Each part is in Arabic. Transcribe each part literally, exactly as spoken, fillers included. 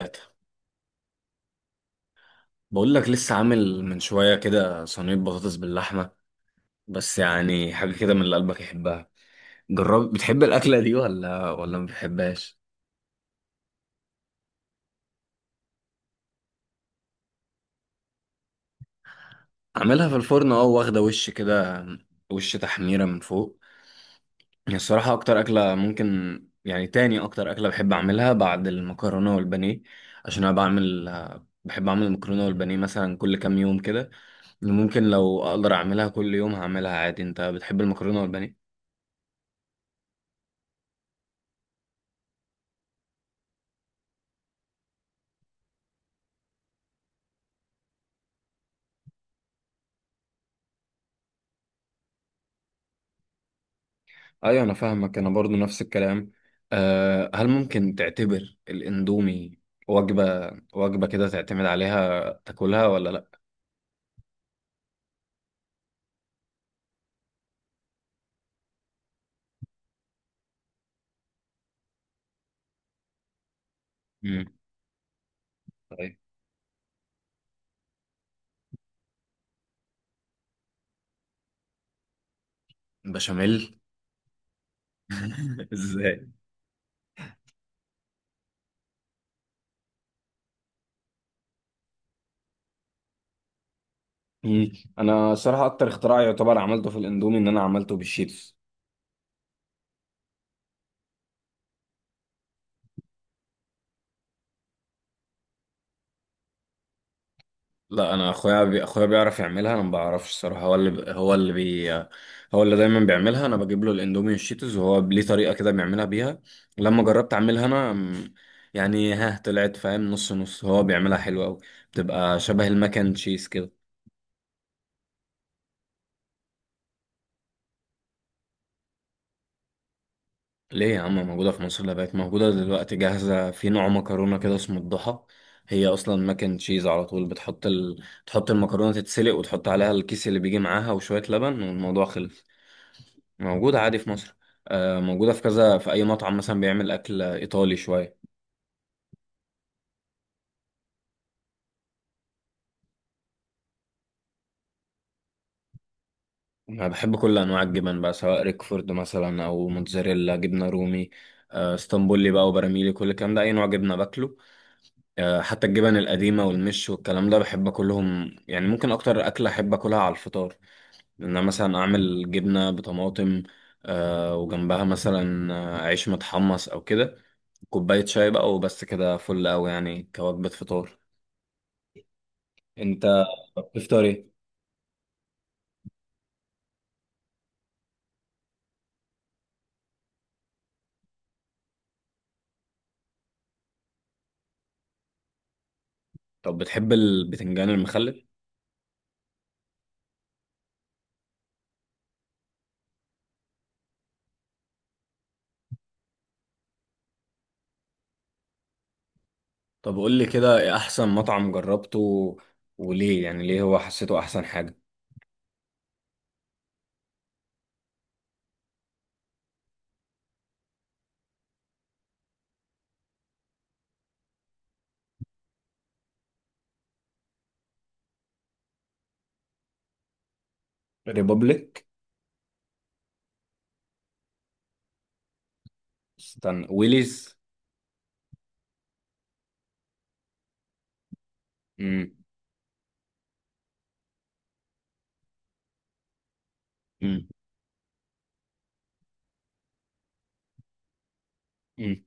ثلاثة. بقول لك لسه عامل من شوية كده صينية بطاطس باللحمة، بس يعني حاجة كده من اللي قلبك يحبها. جرب، بتحب الأكلة دي ولا ولا ما بتحبهاش؟ عاملها في الفرن اه، واخدة وش كده، وش تحميرة من فوق. هي الصراحة أكتر أكلة ممكن يعني تاني أكتر أكلة بحب أعملها بعد المكرونة والبانيه. عشان أنا بعمل بحب أعمل المكرونة والبانيه مثلا كل كام يوم كده. ممكن لو أقدر أعملها كل يوم هعملها عادي. أنت بتحب المكرونة والبانيه؟ ايوه انا فاهمك، انا برضو نفس الكلام. أه، هل ممكن تعتبر الاندومي وجبة وجبة كده، تعتمد عليها تاكلها ولا لا؟ امم. طيب. بشاميل. ازاي؟ مم. انا صراحة اكتر اختراع يعتبر عملته في الاندومي ان انا عملته بالشيتوس. لا، انا اخويا بي... اخويا بيعرف يعملها، انا ما بعرفش الصراحه، هو اللي ب... هو اللي بي... هو اللي دايما بيعملها. انا بجيب له الاندومي والشيتوز، وهو ليه طريقه كده بيعملها بيها. لما جربت اعملها انا م، يعني ها طلعت فاهم نص نص، هو بيعملها حلوه قوي، بتبقى شبه المكن تشيز كده. ليه يا عم، موجوده في مصر. لا، بقت موجوده دلوقتي جاهزه في نوع مكرونه كده اسمه الضحى. هي اصلا مكن تشيز على طول، بتحط ال... تحط المكرونه تتسلق، وتحط عليها الكيس اللي بيجي معاها وشويه لبن، والموضوع خلص. موجودة عادي في مصر. آه، موجودة في كذا، في أي مطعم مثلا بيعمل أكل إيطالي شوية. أنا بحب كل أنواع الجبن بقى، سواء ريكفورد مثلا أو موتزاريلا، جبنة رومي، آه، اسطنبولي بقى، وبراميلي، كل الكلام ده، أي نوع جبنة باكله. آه، حتى الجبن القديمة والمش والكلام ده بحب أكلهم. يعني ممكن أكتر أكلة أحب أكلها على الفطار إن أنا مثلا أعمل جبنة بطماطم، آه، وجنبها مثلا آه، عيش متحمص أو كده، كوباية شاي بقى، وبس كده فل أوي يعني كوجبة فطار. أنت بتفطر إيه؟ طب بتحب البتنجان المخلل؟ طب قول لي كده، إيه احسن مطعم جربته وليه يعني ليه هو حسيته احسن حاجة. ريبوبليك. استنى، ويليز. امم. امم. امم.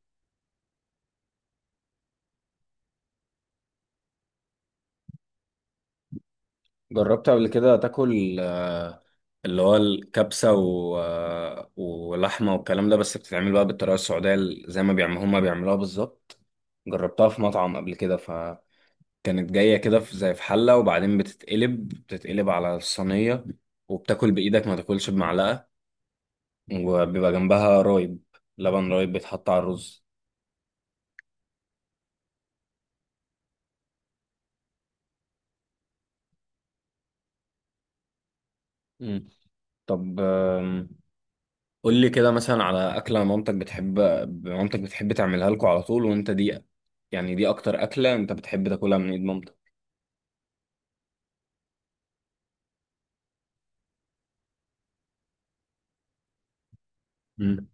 جربت قبل كده تاكل آه، اللي هو الكبسة و... آه، ولحمة والكلام ده، بس بتتعمل بقى بالطريقة السعودية، ال- زي ما بيعملوا، هما بيعملوها بالظبط. جربتها في مطعم قبل كده، فكانت جاية كده في زي في حلة، وبعدين بتتقلب بتتقلب على الصينية، وبتاكل بإيدك، ما تاكلش بمعلقة، وبيبقى جنبها رايب، لبن رايب بيتحط على الرز. مم. طب آم، قول لي كده مثلا على أكلة مامتك بتحب مامتك بتحب تعملها لكم على طول، وأنت دي، يعني دي أكتر أكلة أنت بتحب تاكلها من إيد مامتك. مم.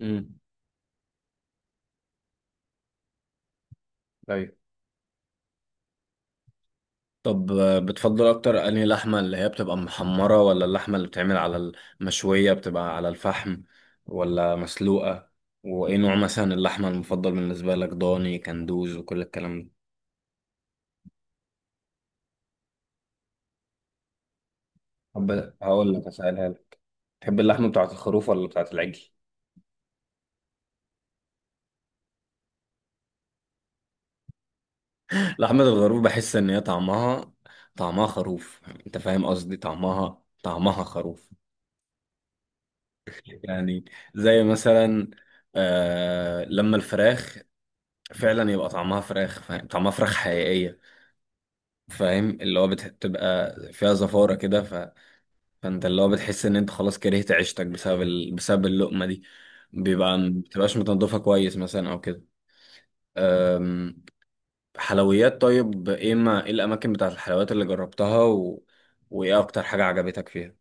مم. ايوه. طب آه، بتفضل أكتر أنهي لحمة، اللي هي بتبقى محمرة، ولا اللحمة اللي بتعمل على المشوية بتبقى على الفحم، ولا مسلوقة؟ وإيه نوع مثلا اللحمة المفضل بالنسبة لك، ضاني، كندوز، وكل الكلام ده؟ هبدأ- هقول لك أسألها لك. تحب اللحمة بتاعة الخروف ولا بتاعة العجل؟ لحمة الخروف بحس إن هي طعمها طعمها خروف. أنت فاهم قصدي، طعمها طعمها خروف. يعني زي مثلا، آه، لما الفراخ فعلا يبقى طعمها فراخ، فاهم، طعمها فراخ حقيقية. فاهم، اللي هو بتبقى فيها زفارة كده، ف... فأنت اللي هو بتحس إن أنت خلاص كرهت عيشتك بسبب ال... بسبب اللقمة دي. بيبقى بتبقاش متنضفة كويس مثلا أو كده. حلويات. طيب، ايه ما ايه الاماكن بتاعت الحلويات اللي جربتها، و... وايه اكتر حاجة عجبتك فيها؟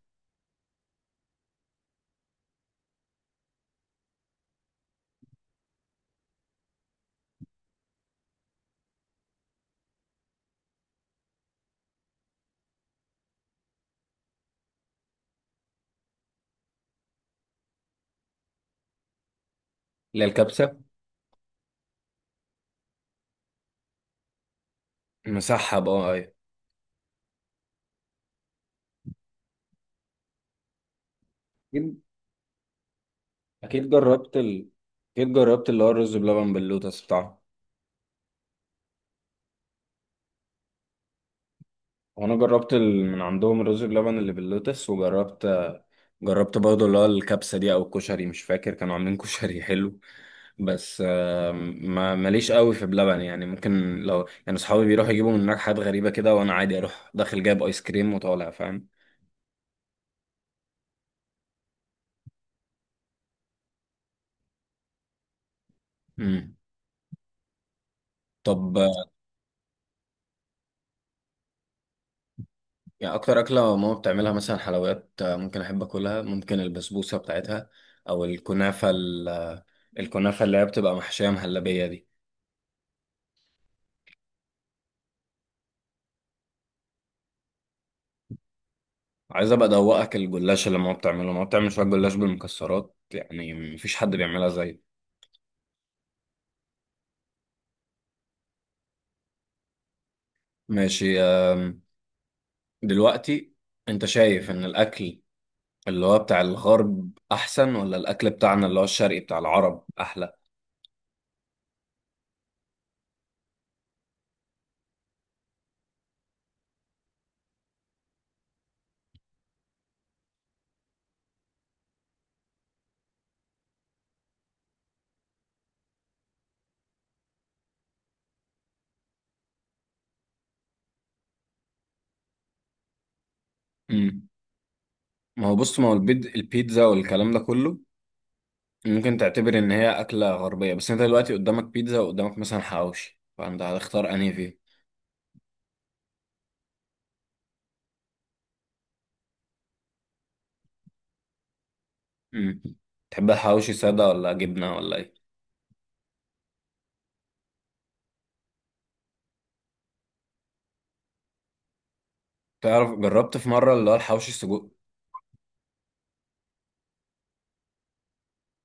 اللي هي الكبسة. مسحب، اه ايوه. اكيد، اكيد جربت ال... اكيد جربت اللي هو الرز بلبن باللوتس بتاعه. وانا جربت ال... من عندهم الرز بلبن اللي باللوتس، وجربت، جربت برضه اللي هو الكبسة دي او الكشري، مش فاكر، كانوا عاملين كشري حلو. بس آه، ما ماليش قوي في بلبن، يعني ممكن لو يعني اصحابي بيروحوا يجيبوا من هناك حاجات غريبة كده، وانا عادي اروح داخل جايب ايس كريم وطالع، فاهم. مم. طب آه، يعني اكتر اكله ماما بتعملها مثلا، حلويات آه، ممكن احب اكلها، ممكن البسبوسه بتاعتها، او الكنافه، ال- الكنافه اللي هي بتبقى محشيه مهلبيه دي. عايز ابقى ادوقك الجلاش اللي ماما بتعمله، ماما بتعمل شويه جلاش بالمكسرات، يعني مفيش حد بيعملها زي. ماشي آم، دلوقتي انت شايف ان الاكل اللي هو بتاع الغرب احسن، ولا الاكل بتاعنا اللي هو الشرقي بتاع العرب احلى؟ امم. ما هو بص، ما هو البيد- البيتزا والكلام ده كله ممكن تعتبر ان هي اكله غربيه، بس انت دلوقتي قدامك بيتزا، وقدامك مثلا حواوشي، فانت هتختار انهي فيه؟ امم. تحب الحواوشي ساده ولا جبنه ولا ايه؟ تعرف، جربت في مره اللي هو الحواوشي السجق،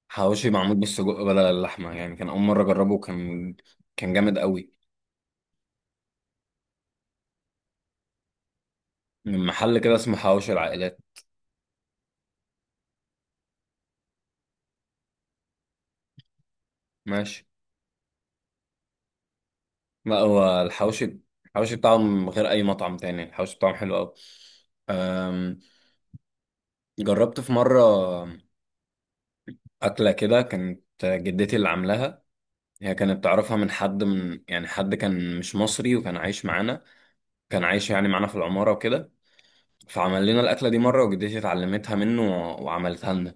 حواوشي معمول بالسجق بدل اللحمه يعني. كان اول مره اجربه، كان كان جامد قوي. من محل كده اسمه حواوشي العائلات. ماشي. لا، هو الحواوشي، الحواوشي بتاعه من غير اي مطعم تاني، الحواوشي بتاعهم حلو قوي. أم، جربت في مره اكله كده كانت جدتي اللي عاملاها. هي كانت تعرفها من حد، من يعني حد كان مش مصري وكان عايش معانا، كان عايش يعني معانا في العمارة وكده. فعمل لنا الأكلة دي مرة، وجدتي اتعلمتها منه و- وعملتها لنا.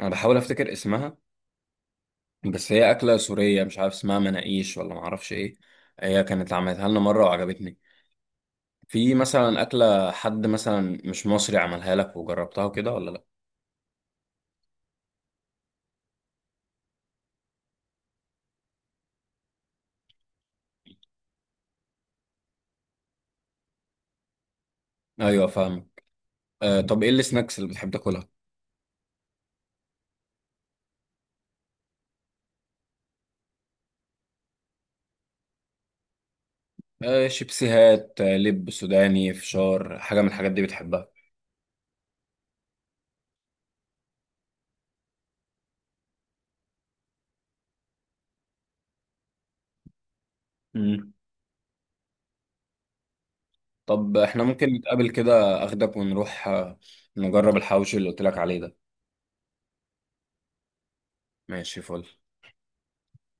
أنا بحاول أفتكر اسمها، بس هي أكلة سورية، مش عارف اسمها، مناقيش، ولا معرفش إيه. هي كانت عملتها لنا مرة وعجبتني. في مثلا أكلة حد مثلا مش مصري عملها لك وجربتها وكده ولا لأ؟ أيوه فاهم. آه طب، إيه السناكس اللي بتحب تاكلها؟ آه شيبسيهات، آه لب سوداني، فشار، حاجة من الحاجات دي بتحبها؟ طب احنا ممكن نتقابل كده، اخدك ونروح آه، نجرب الحوش اللي قلت لك عليه ده. ماشي، فل.